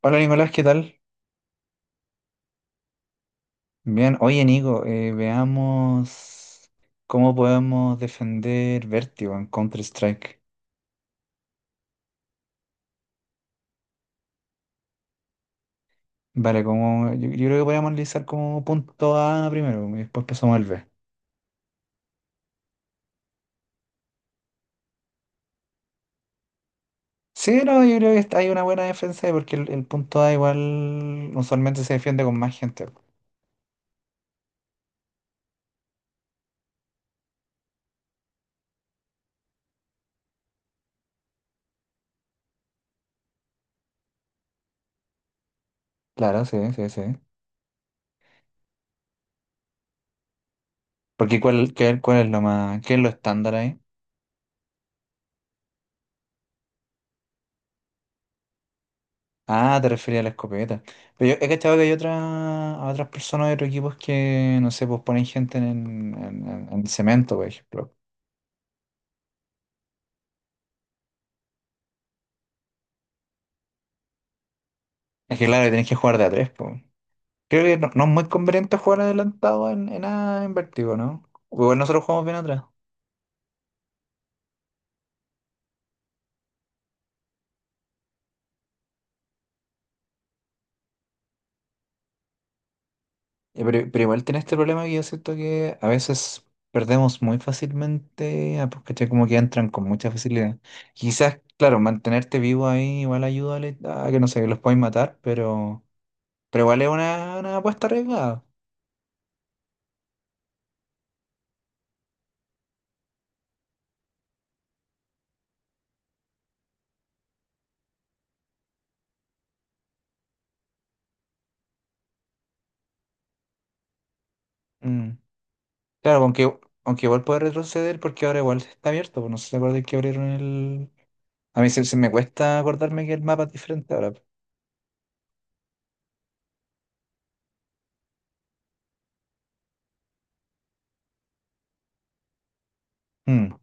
Hola Nicolás, ¿qué tal? Bien, oye Nico, veamos cómo podemos defender Vertigo en Counter-Strike. Vale, como, yo creo que podríamos analizar como punto A primero y después pasamos al B. Sí, no, yo creo que hay una buena defensa ahí porque el punto A igual usualmente se defiende con más gente. Claro, sí, sí, sí. Porque ¿cuál, cuál es lo más, qué es lo estándar ahí? Ah, te refería a la escopeta. Pero yo he cachado que hay otras, a otras personas de otros equipos que, no sé, pues ponen gente en, en cemento, por ejemplo. Es que claro, tenés que jugar de a tres, pues. Creo que no es muy conveniente jugar adelantado en, A en vértigo, ¿no? Igual nosotros jugamos bien atrás. Pero igual tiene este problema que yo siento que a veces perdemos muy fácilmente, ah, pues, ¿cachai? Como que entran con mucha facilidad. Quizás, claro, mantenerte vivo ahí igual ayuda a a que, no sé, que los puedan matar, pero. Pero igual es una apuesta arriesgada. Mm. Claro, aunque, aunque igual puede retroceder porque ahora igual está abierto, pues. No sé si se acuerdan que abrieron el. A mí se, se me cuesta acordarme que el mapa es diferente ahora. Mm.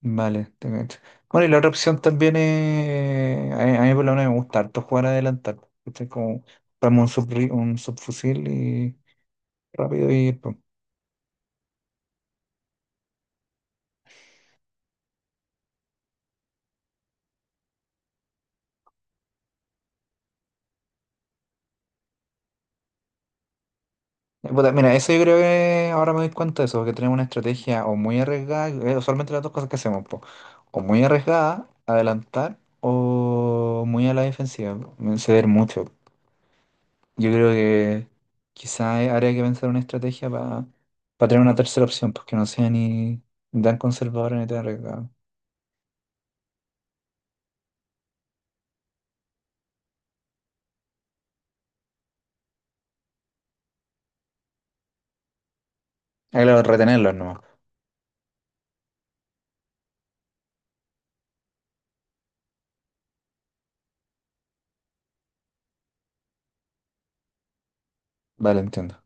Vale, te cacho. Bueno, y la otra opción también es. A mí por lo menos me gusta harto jugar adelantar, ¿cachai? Como comprarme un, un subfusil y rápido y. Puta, mira, eso yo creo que ahora me doy cuenta de eso, que tenemos una estrategia o muy arriesgada, usualmente las dos cosas que hacemos, po, o muy arriesgada, adelantar, o muy a la defensiva, ceder mucho. Yo creo que quizás habría que pensar una estrategia para tener una tercera opción, pues que no sea ni tan conservadora ni tan arriesgada. Ah, claro, retenerlos no. Vale, entiendo.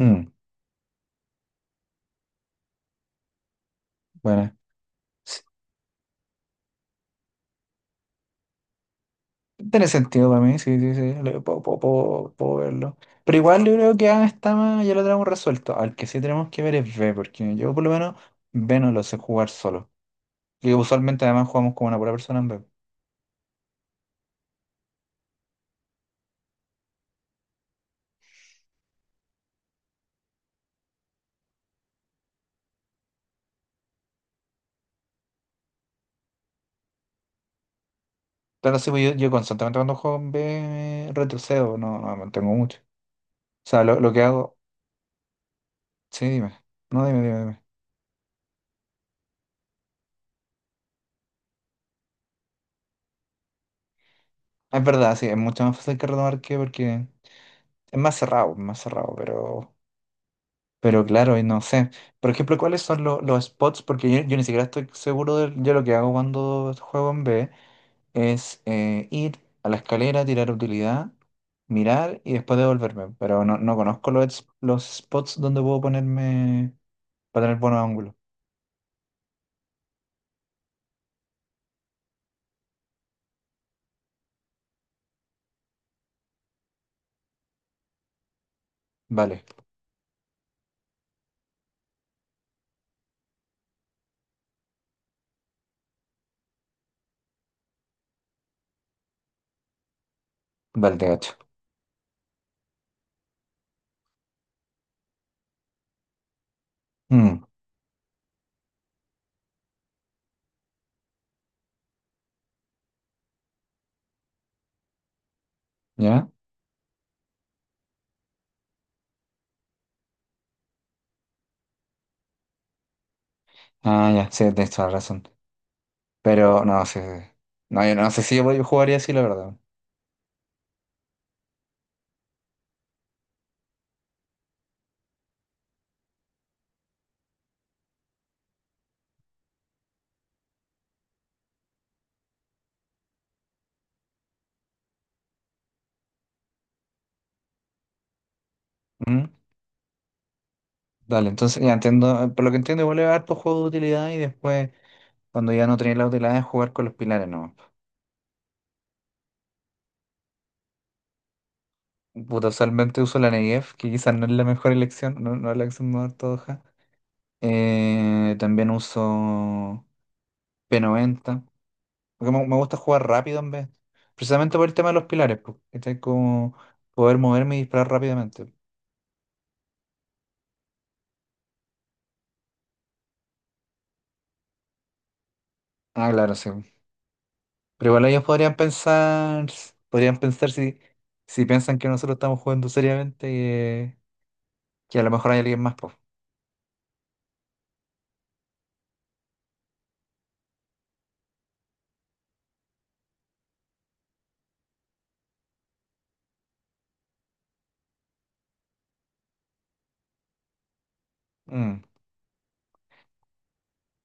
Mm, bueno. Tiene sentido para mí, sí, sí, sí, puedo, puedo verlo. Pero igual yo creo que A está más, ya lo tenemos resuelto. Al que sí tenemos que ver es B, porque yo por lo menos B no lo sé jugar solo. Y usualmente además jugamos como una pura persona en B. Claro, sí, pues yo constantemente cuando juego en B retrocedo, no, no me mantengo mucho. O sea, lo que hago, sí, dime. No, dime. Es verdad, sí, es mucho más fácil que retomar que porque es más cerrado, pero. Pero claro, y no sé. Por ejemplo, ¿cuáles son los spots? Porque yo ni siquiera estoy seguro de, yo lo que hago cuando juego en B es ir a la escalera, tirar utilidad, mirar y después devolverme. Pero no, no conozco los, los spots donde puedo ponerme para tener buenos ángulos. Vale, vale, te gacho. Mm, ¿ya? Ah, ya, sí, tienes toda la razón. Pero no sé. No, yo no sé si yo jugaría así, la verdad. Mm. Dale, entonces ya entiendo. Por lo que entiendo, igual a harto juego de utilidad y después. Cuando ya no tenía la utilidad de jugar con los pilares, no. Puta, usualmente uso la Negev, que quizás no es la mejor elección, no, no es la elección más ortodoxa. También uso P90, porque me gusta jugar rápido en vez. Precisamente por el tema de los pilares, porque como poder moverme y disparar rápidamente. Ah, claro, sí. Pero igual ellos podrían pensar si, si piensan que nosotros estamos jugando seriamente, que a lo mejor hay alguien más, pues.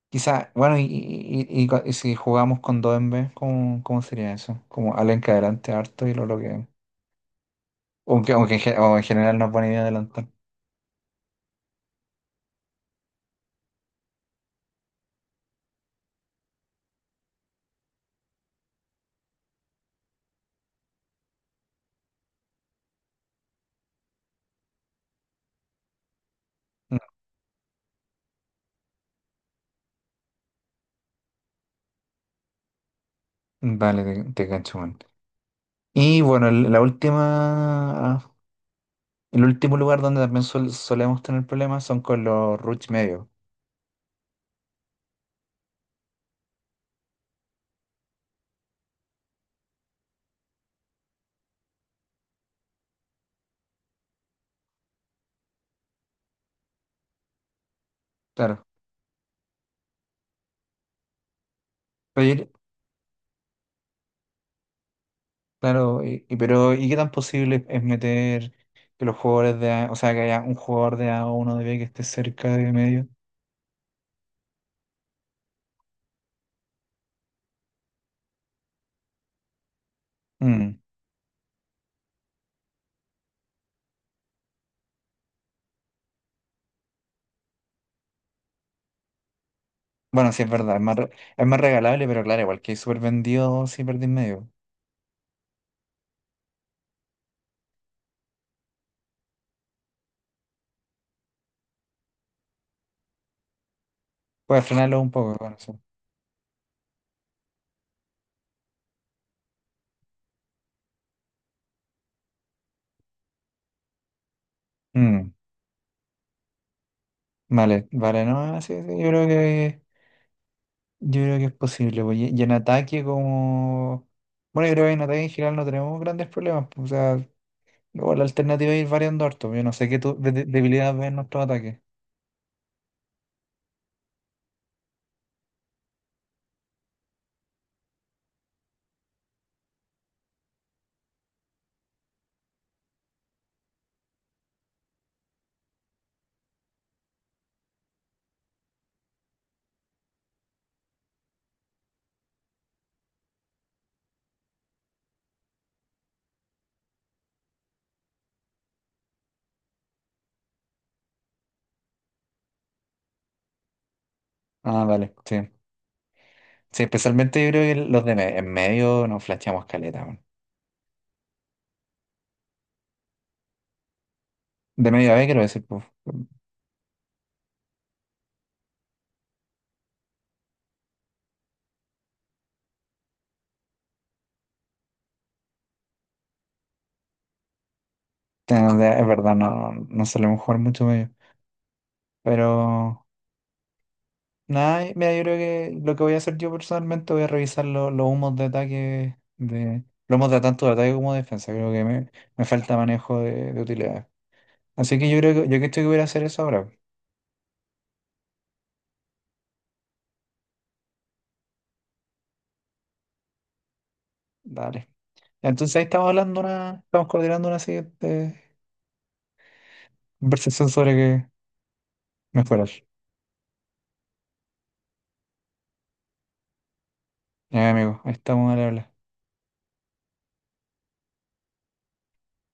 Quizá, bueno, y si jugamos con dos en vez, ¿cómo, cómo sería eso? Como alguien que adelante harto y lo bloquea. Aunque, aunque en, o en general no es buena idea adelantar. Vale, te cacho, man. Y bueno, la última, el último lugar donde también solemos tener problemas son con los rush medios. Claro. Pero, claro, pero ¿y qué tan posible es meter que los jugadores de A, o sea, que haya un jugador de A o uno de B que esté cerca de medio? Mm. Bueno, sí es verdad, es más, es más regalable, pero claro, igual que súper vendido si perdí medio. Puedes frenarlo un poco con eso. Mm, vale, vale, no, sí, sí, yo creo que es posible, pues. Y en ataque como. Bueno, yo creo que en ataque en general no tenemos grandes problemas, pues. O sea, luego la alternativa es ir variando harto, pues. Yo no sé qué tu, debilidad ves en nuestro ataque. Ah, vale, sí. Sí, especialmente yo creo que los de en medio nos flasheamos caleta, weón. De medio a B quiero decir, pues, es verdad, no, no solemos jugar mucho medio. Pero nada, mira, yo creo que lo que voy a hacer yo personalmente voy a revisar los humos de ataque, de, los humos de tanto de ataque como de defensa. Creo que me falta manejo de utilidad. Así que yo creo que yo creo que estoy que voy a hacer eso ahora. Dale. Ya, entonces ahí estamos hablando una, estamos coordinando una siguiente conversación sobre que mejorar. Ya, amigo, ahí estamos a hablar.